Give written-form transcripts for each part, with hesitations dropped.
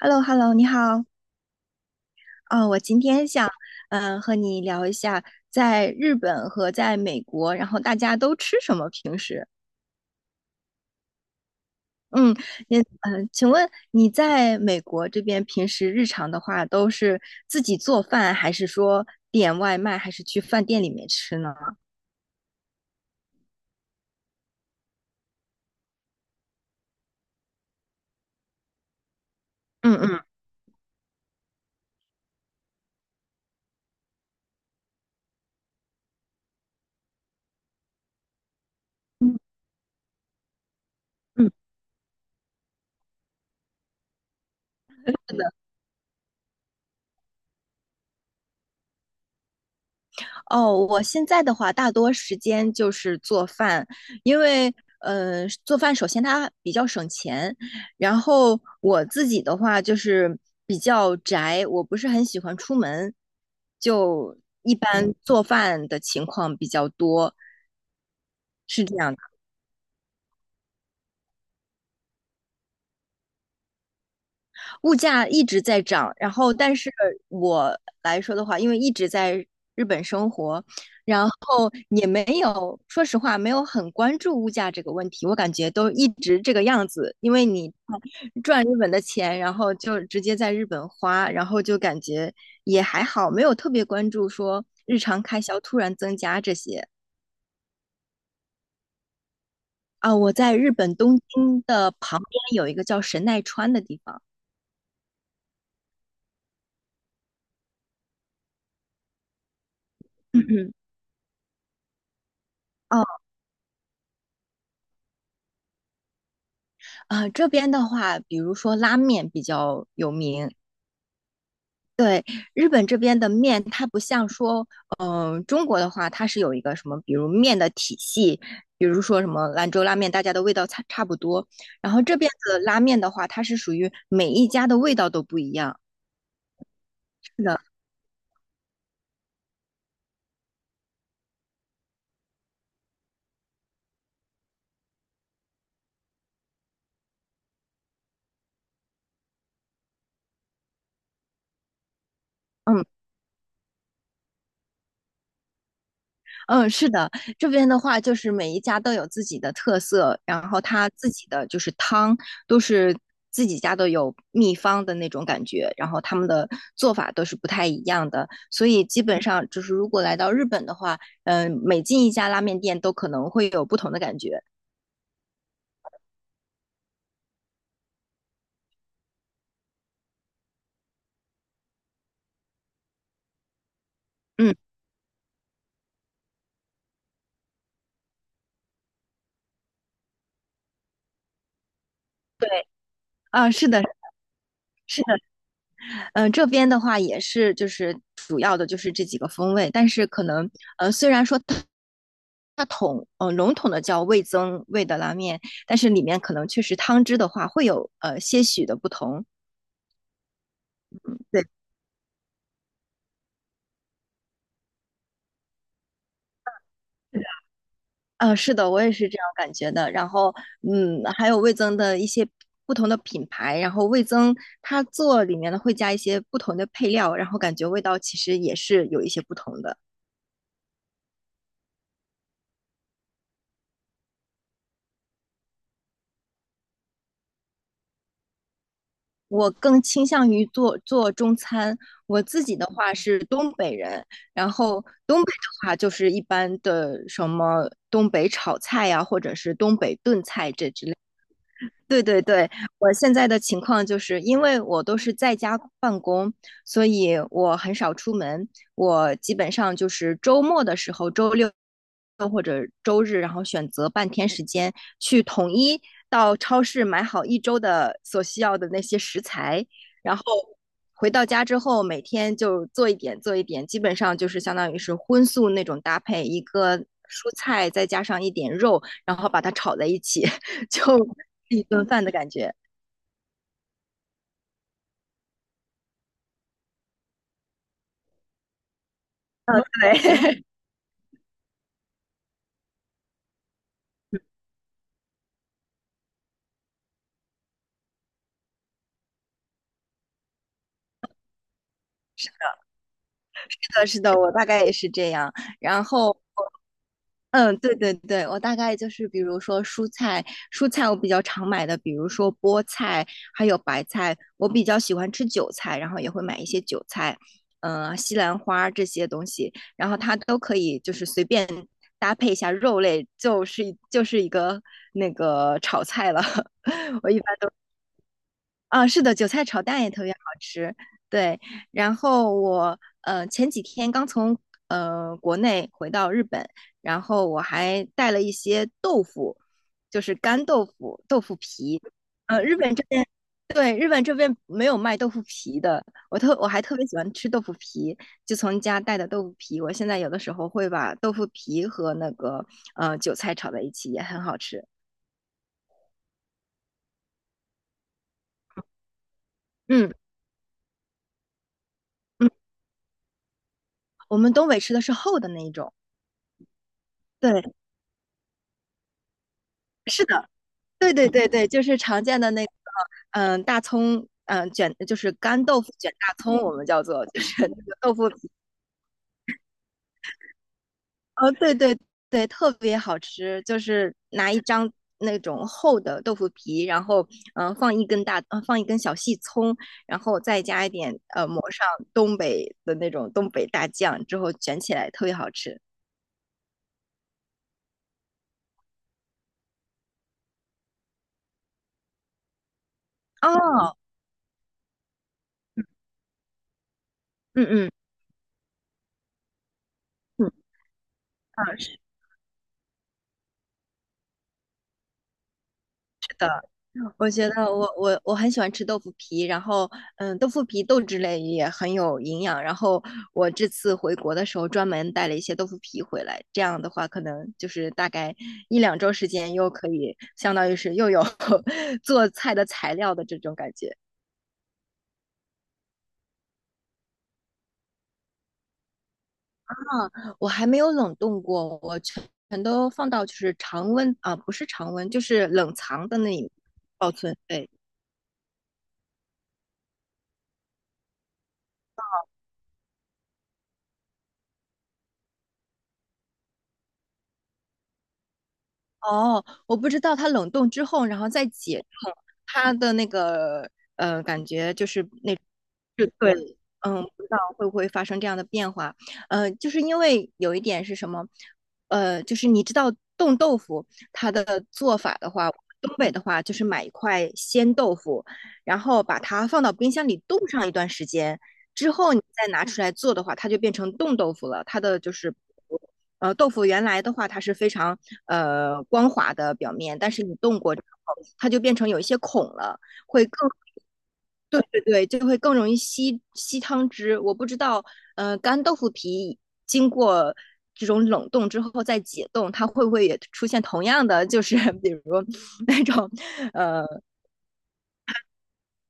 h e l l o h e l l o 你好。啊、我今天想，嗯、和你聊一下在日本和在美国，然后大家都吃什么平时？嗯，你，嗯、请问你在美国这边平时日常的话，都是自己做饭，还是说点外卖，还是去饭店里面吃呢？嗯嗯。嗯。哦，我现在的话，大多时间就是做饭，因为做饭首先它比较省钱，然后我自己的话就是比较宅，我不是很喜欢出门，就一般做饭的情况比较多，是这样的。物价一直在涨，然后但是我来说的话，因为一直在日本生活，然后也没有，说实话没有很关注物价这个问题，我感觉都一直这个样子，因为你赚日本的钱，然后就直接在日本花，然后就感觉也还好，没有特别关注说日常开销突然增加这些。啊。我在日本东京的旁边有一个叫神奈川的地方。嗯嗯。哦。啊，这边的话，比如说拉面比较有名。对，日本这边的面，它不像说，嗯、中国的话，它是有一个什么，比如面的体系，比如说什么兰州拉面，大家的味道差不多。然后这边的拉面的话，它是属于每一家的味道都不一样。是的。嗯。嗯，是的，这边的话就是每一家都有自己的特色，然后他自己的就是汤都是自己家都有秘方的那种感觉，然后他们的做法都是不太一样的，所以基本上就是如果来到日本的话，嗯、每进一家拉面店都可能会有不同的感觉。嗯，对，啊，是的，是。嗯，这边的话也是，就是主要的就是这几个风味，但是可能虽然说它笼统的叫味增味的拉面，但是里面可能确实汤汁的话会有些许的不同。对，是的，我也是这样感觉的。然后嗯，还有味增的一些不同的品牌，然后味增它做里面呢会加一些不同的配料，然后感觉味道其实也是有一些不同的。我更倾向于做中餐。我自己的话是东北人，然后东北的话就是一般的什么东北炒菜呀、或者是东北炖菜这之类。对对对，我现在的情况就是因为我都是在家办公，所以我很少出门。我基本上就是周末的时候，周六或者周日，然后选择半天时间去统一到超市买好一周的所需要的那些食材，然后回到家之后，每天就做一点做一点，基本上就是相当于是荤素那种搭配，一个蔬菜再加上一点肉，然后把它炒在一起，就。一顿饭的感觉。嗯，对，是的，是的，我大概也是这样。然后，嗯，对对对，我大概就是比如说蔬菜，蔬菜我比较常买的，比如说菠菜，还有白菜。我比较喜欢吃韭菜，然后也会买一些韭菜，嗯，西兰花这些东西，然后它都可以就是随便搭配一下肉类，就是一个那个炒菜了。我一般都。啊，是的，韭菜炒蛋也特别好吃。对，然后我前几天刚从国内回到日本，然后我还带了一些豆腐，就是干豆腐、豆腐皮。日本这边对日本这边没有卖豆腐皮的，我还特别喜欢吃豆腐皮，就从家带的豆腐皮。我现在有的时候会把豆腐皮和那个韭菜炒在一起，也很好吃。嗯嗯，我们东北吃的是厚的那一种。对，是的。对对对对，就是常见的那个，嗯，大葱，嗯，卷就是干豆腐卷大葱，我们叫做就是那个豆腐皮。哦，对对对，特别好吃，就是拿一张那种厚的豆腐皮，然后嗯放一根大，放一根小细葱，然后再加一点抹上东北的那种东北大酱之后卷起来，特别好吃。哦，嗯嗯嗯，啊是的。我觉得我很喜欢吃豆腐皮，然后嗯，豆腐皮豆制类也很有营养，然后我这次回国的时候专门带了一些豆腐皮回来，这样的话可能就是大概一两周时间又可以相当于是又有 做菜的材料的这种感觉。啊，我还没有冷冻过，我全都放到就是常温啊，不是常温，就是冷藏的那里保存，对。哦，我不知道它冷冻之后，然后再解冻，它的那个感觉就是那，就对。嗯，不知道会不会发生这样的变化。就是因为有一点是什么，就是你知道冻豆腐它的做法的话，东北的话就是买一块鲜豆腐，然后把它放到冰箱里冻上一段时间，之后你再拿出来做的话，它就变成冻豆腐了。它的就是，豆腐原来的话它是非常光滑的表面，但是你冻过之后，它就变成有一些孔了，会更对对对，就会更容易吸汤汁。我不知道，干豆腐皮经过这种冷冻之后再解冻，它会不会也出现同样的，就是比如那种，呃，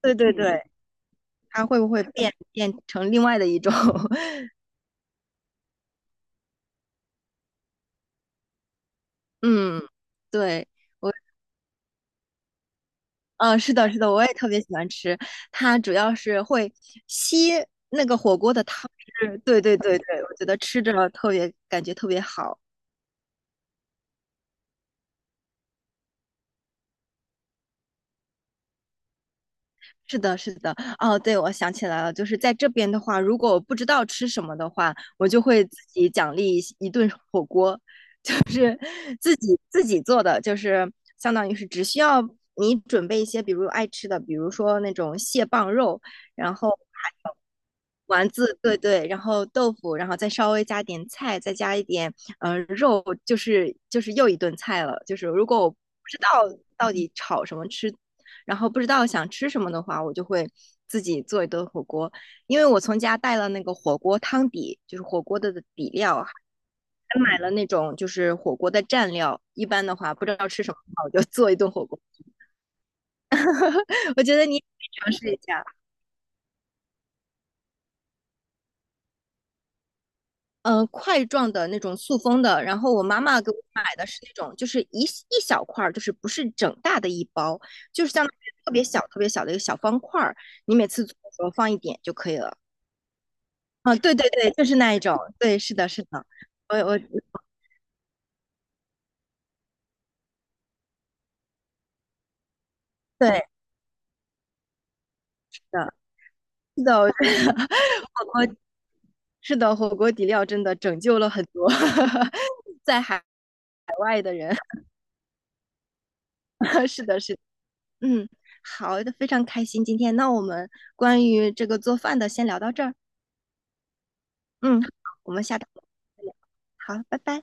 对对对，它会不会变成另外的一种。嗯，对，我，是的，是的，我也特别喜欢吃。它主要是会吸那个火锅的汤汁，对对对对，我觉得吃着特别感觉特别好。是的，是的，哦，对，我想起来了，就是在这边的话，如果我不知道吃什么的话，我就会自己奖励一顿火锅。就是自己做的，就是相当于是只需要你准备一些，比如爱吃的，比如说那种蟹棒肉，然后还有丸子，对对，然后豆腐，然后再稍微加点菜，再加一点肉，就是又一顿菜了。就是如果我不知道到底炒什么吃，然后不知道想吃什么的话，我就会自己做一顿火锅。因为我从家带了那个火锅汤底，就是火锅的底料，还买了那种就是火锅的蘸料，一般的话不知道吃什么的话，我就 做一顿火锅。我觉得你也可以尝试一下，嗯、块状的那种塑封的，然后我妈妈给我买的是那种就是一小块就是不是整大的一包，就是像特别小特别小的一个小方块儿，你每次做的时候放一点就可以了。啊，对对对，就是那一种，对，是的，是的，我我对，是的，是的，我觉得火锅是的，火锅底料真的拯救了很多 在海外的人。是的，是的，嗯，好的，非常开心今天。那我们关于这个做饭的先聊到这儿，嗯，好，我们下次再聊，好，拜拜。